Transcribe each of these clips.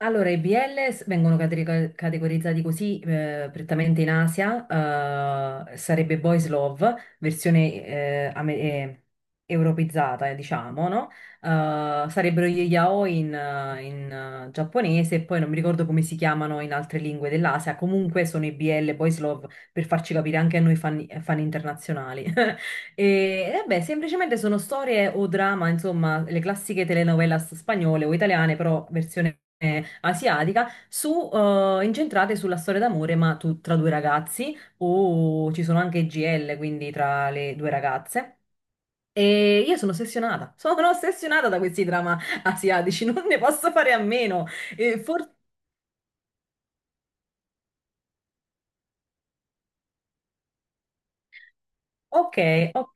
Allora, i BL vengono categorizzati così, prettamente in Asia, sarebbe Boys Love, versione europeizzata, diciamo, no? Sarebbero gli yaoi in giapponese, e poi non mi ricordo come si chiamano in altre lingue dell'Asia, comunque sono i BL, Boys Love, per farci capire anche a noi fan internazionali. E vabbè, semplicemente sono storie o drama, insomma, le classiche telenovelas spagnole o italiane, però versione asiatica, incentrate sulla storia d'amore, tra due ragazzi, o ci sono anche GL, quindi tra le due ragazze. E io sono ossessionata, sono ossessionata da questi drama asiatici, non ne posso fare a meno. E for- ok, ok.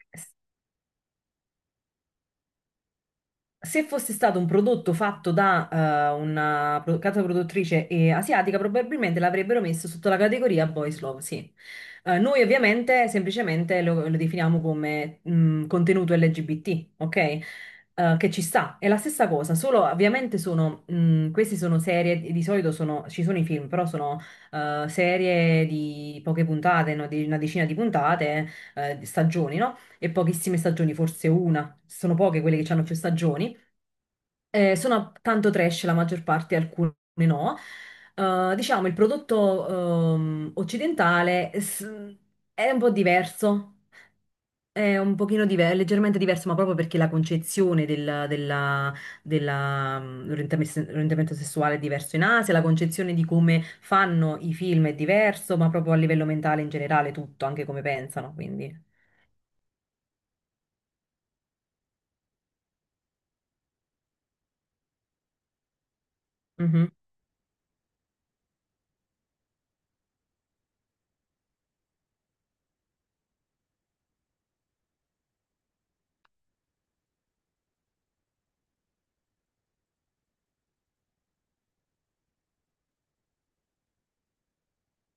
Se fosse stato un prodotto fatto da casa produttrice asiatica, probabilmente l'avrebbero messo sotto la categoria Boys Love, sì. Noi ovviamente semplicemente lo definiamo come contenuto LGBT, ok? Che ci sta. È la stessa cosa, solo ovviamente sono, queste sono serie, di solito sono, ci sono i film, però sono serie di poche puntate, no? Di una decina di puntate, di stagioni, no? E pochissime stagioni, forse una. Sono poche quelle che hanno più stagioni. Sono tanto trash la maggior parte, alcune no. Diciamo, il prodotto occidentale è un po' diverso, è un pochino leggermente diverso, ma proprio perché la concezione del- della- della, mm, orientamento sessuale è diverso in Asia, la concezione di come fanno i film è diverso, ma proprio a livello mentale in generale tutto, anche come pensano, quindi.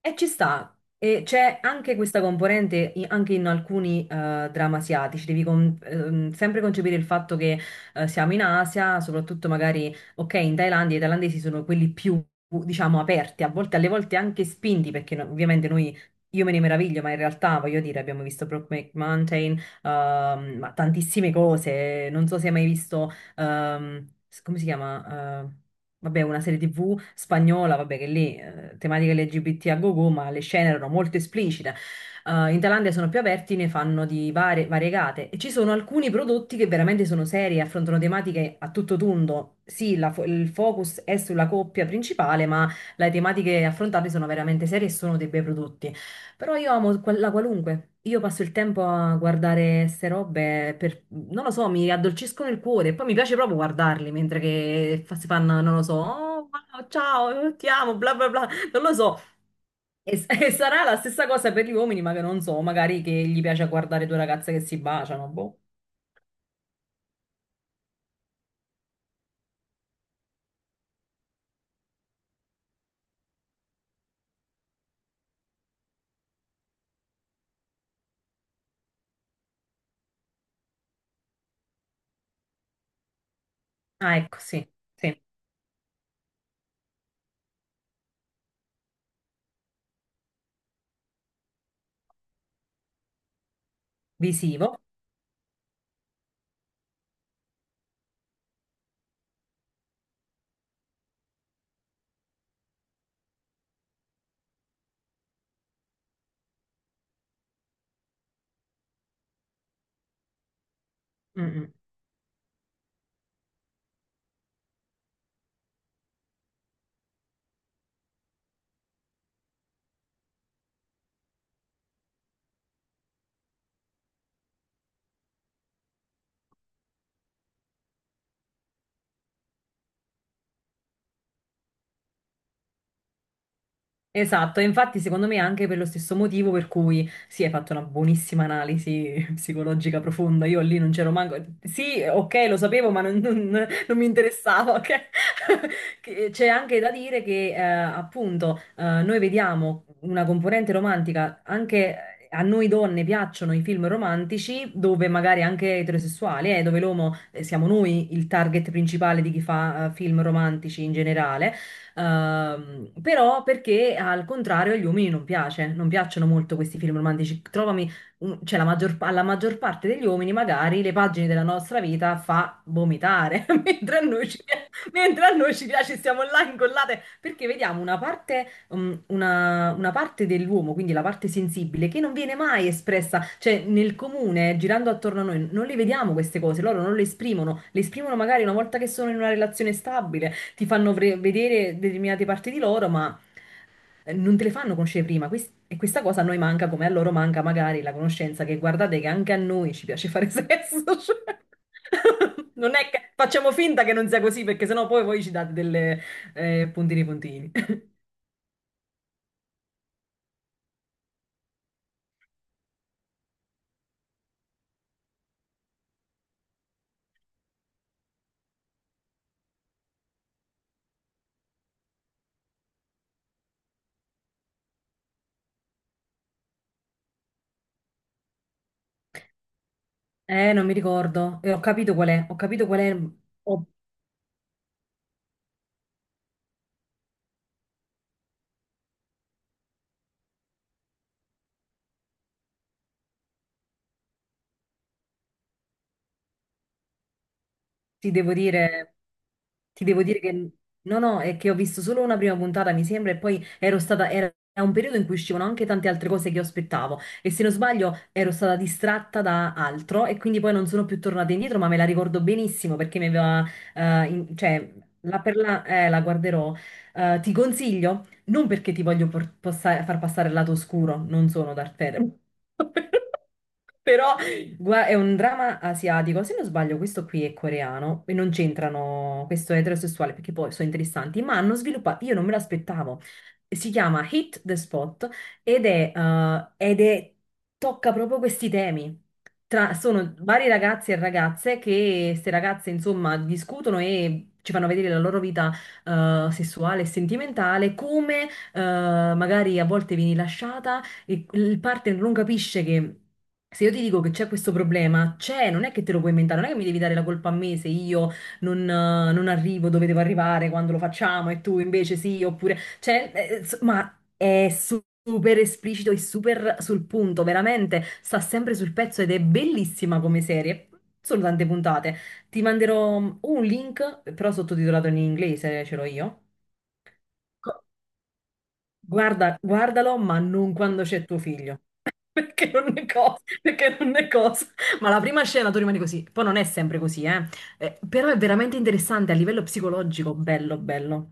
E ci sta, e c'è anche questa componente anche in alcuni drammi asiatici, devi sempre concepire il fatto che siamo in Asia, soprattutto magari, ok, in Thailandia i thailandesi sono quelli più, diciamo, aperti, a volte, alle volte anche spinti, perché no- ovviamente noi, io me ne meraviglio, ma in realtà, voglio dire, abbiamo visto Brokeback Mountain, ma tantissime cose, non so se hai mai visto, come si chiama? Vabbè, una serie TV spagnola, vabbè, che lì tematiche LGBT a go-go, ma le scene erano molto esplicite. In Thailandia sono più aperti, ne fanno di varie, variegate e ci sono alcuni prodotti che veramente sono seri, affrontano tematiche a tutto tondo. Sì, il focus è sulla coppia principale, ma le tematiche affrontate sono veramente serie e sono dei bei prodotti. Però io amo la qualunque. Io passo il tempo a guardare queste robe per, non lo so, mi addolciscono il cuore e poi mi piace proprio guardarli mentre si fanno, non lo so, oh, wow, ciao, ti amo, bla bla bla. Non lo so. E sarà la stessa cosa per gli uomini, ma che non so, magari che gli piace guardare due ragazze che si baciano, boh. Ah, ecco, sì, sì, visivo. Mm, mm. Esatto, e infatti secondo me anche per lo stesso motivo per cui sì, hai fatto una buonissima analisi psicologica profonda, io lì non c'ero manco, sì, ok, lo sapevo, ma non mi interessava, ok? C'è anche da dire che appunto, noi vediamo una componente romantica, anche a noi donne piacciono i film romantici dove magari anche eterosessuali, dove l'uomo siamo noi il target principale di chi fa film romantici in generale. Però perché al contrario agli uomini non piace, non piacciono molto questi film romantici. Trovami, cioè la maggior, alla maggior parte degli uomini magari le pagine della nostra vita fa vomitare, mentre a noi ci piace, stiamo là incollate, perché vediamo una parte, una parte dell'uomo, quindi la parte sensibile, che non viene mai espressa, cioè nel comune, girando attorno a noi, non le vediamo queste cose, loro non le esprimono, le esprimono magari una volta che sono in una relazione stabile ti fanno vedere determinate parti di loro, ma non te le fanno conoscere prima. E questa cosa a noi manca, come a loro manca magari la conoscenza che guardate che anche a noi ci piace fare sesso. Cioè. Non è che facciamo finta che non sia così, perché sennò poi voi ci date delle puntini puntini. Non mi ricordo. E ho capito qual è. Ho capito qual è. Ho- Ti devo dire, ti devo dire che no, no, è che ho visto solo una prima puntata, mi sembra, e poi ero stata, era un periodo in cui uscivano anche tante altre cose che io aspettavo. E se non sbaglio, ero stata distratta da altro e quindi poi non sono più tornata indietro, ma me la ricordo benissimo perché mi aveva, eh, in- cioè, la per la, la guarderò. Ti consiglio, non perché ti voglio far passare il lato oscuro, non sono Darth Vader. Però è un dramma asiatico, se non sbaglio questo qui è coreano e non c'entrano, questo è eterosessuale perché poi sono interessanti, ma hanno sviluppato, io non me l'aspettavo, si chiama Hit the Spot ed tocca proprio questi temi. Sono vari ragazzi e ragazze, che queste ragazze insomma discutono e ci fanno vedere la loro vita sessuale e sentimentale, come magari a volte vieni lasciata, il partner non capisce che se io ti dico che c'è questo problema, c'è, non è che te lo puoi inventare, non è che mi devi dare la colpa a me se io non arrivo dove devo arrivare quando lo facciamo e tu invece sì, oppure... Cioè, ma è super esplicito e super sul punto, veramente, sta sempre sul pezzo ed è bellissima come serie. Sono tante puntate. Ti manderò un link, però sottotitolato in inglese, ce l'ho io. Co- Guarda, guardalo, ma non quando c'è tuo figlio. Perché non è cosa, perché non è cosa. Ma la prima scena tu rimani così, poi non è sempre così, eh. Però è veramente interessante a livello psicologico, bello, bello.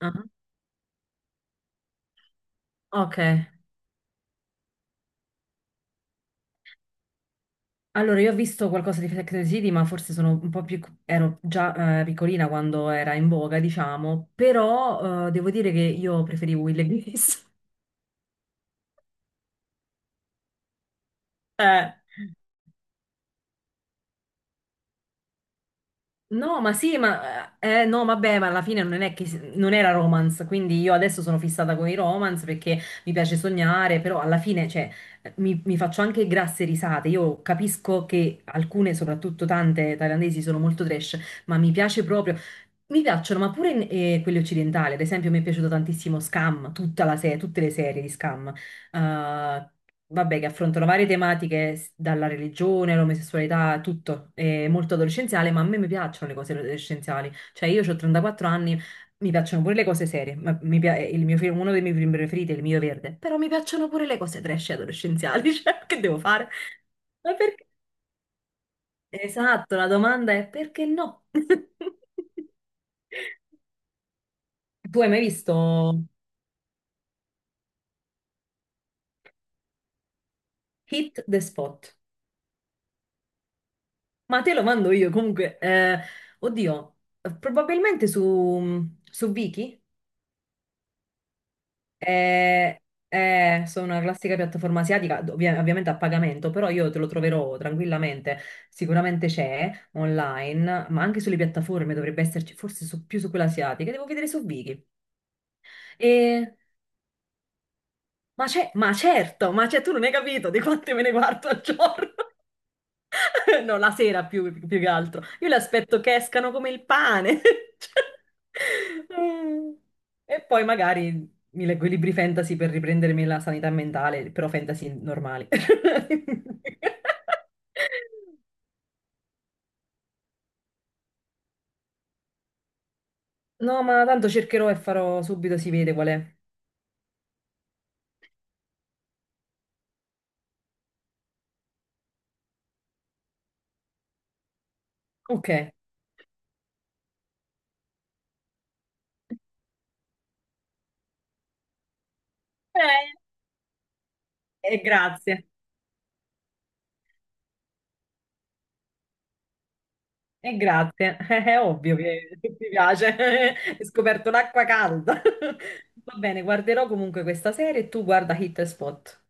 Ah, ok. Allora, io ho visto qualcosa di Sex and the City, ma forse sono un po' più... ero già piccolina quando era in voga, diciamo, però devo dire che io preferivo Will e Grace. Eh. No, ma sì, ma no, vabbè, ma alla fine non è che non era romance, quindi io adesso sono fissata con i romance perché mi piace sognare, però alla fine, cioè, mi faccio anche grasse risate. Io capisco che alcune, soprattutto tante thailandesi, sono molto trash, ma mi piace proprio. Mi piacciono, ma pure quelle occidentali, ad esempio, mi è piaciuto tantissimo Scam, tutta la se- tutte le serie di Scam eh, che affrontano varie tematiche, dalla religione all'omosessualità, a tutto. È molto adolescenziale, ma a me mi piacciono le cose adolescenziali. Cioè, io ho 34 anni, mi piacciono pure le cose serie. Ma mi pia- il mio film- uno dei miei film preferiti è Il mio verde. Però mi piacciono pure le cose trash adolescenziali. Cioè, che devo fare? Ma perché? Esatto, la domanda è perché no? Tu hai mai visto Hit the Spot? Ma te lo mando io comunque. Oddio, probabilmente su Viki. Eh, sono una classica piattaforma asiatica, ovviamente a pagamento, però io te lo troverò tranquillamente. Sicuramente c'è online, ma anche sulle piattaforme dovrebbe esserci, forse più su quella asiatica. Devo vedere su Viki. E- ma c'è, ma certo, ma c'è, tu non hai capito di quante me ne guardo al giorno. No, la sera più che altro. Io le aspetto che escano come il pane. Cioè, mm. E poi magari mi leggo i libri fantasy per riprendermi la sanità mentale, però fantasy normali. No, ma tanto cercherò e farò subito, si vede qual è. Ok. E grazie. E grazie. È ovvio che ti piace. Hai scoperto l'acqua calda. Va bene, guarderò comunque questa serie e tu guarda Hit e Spot.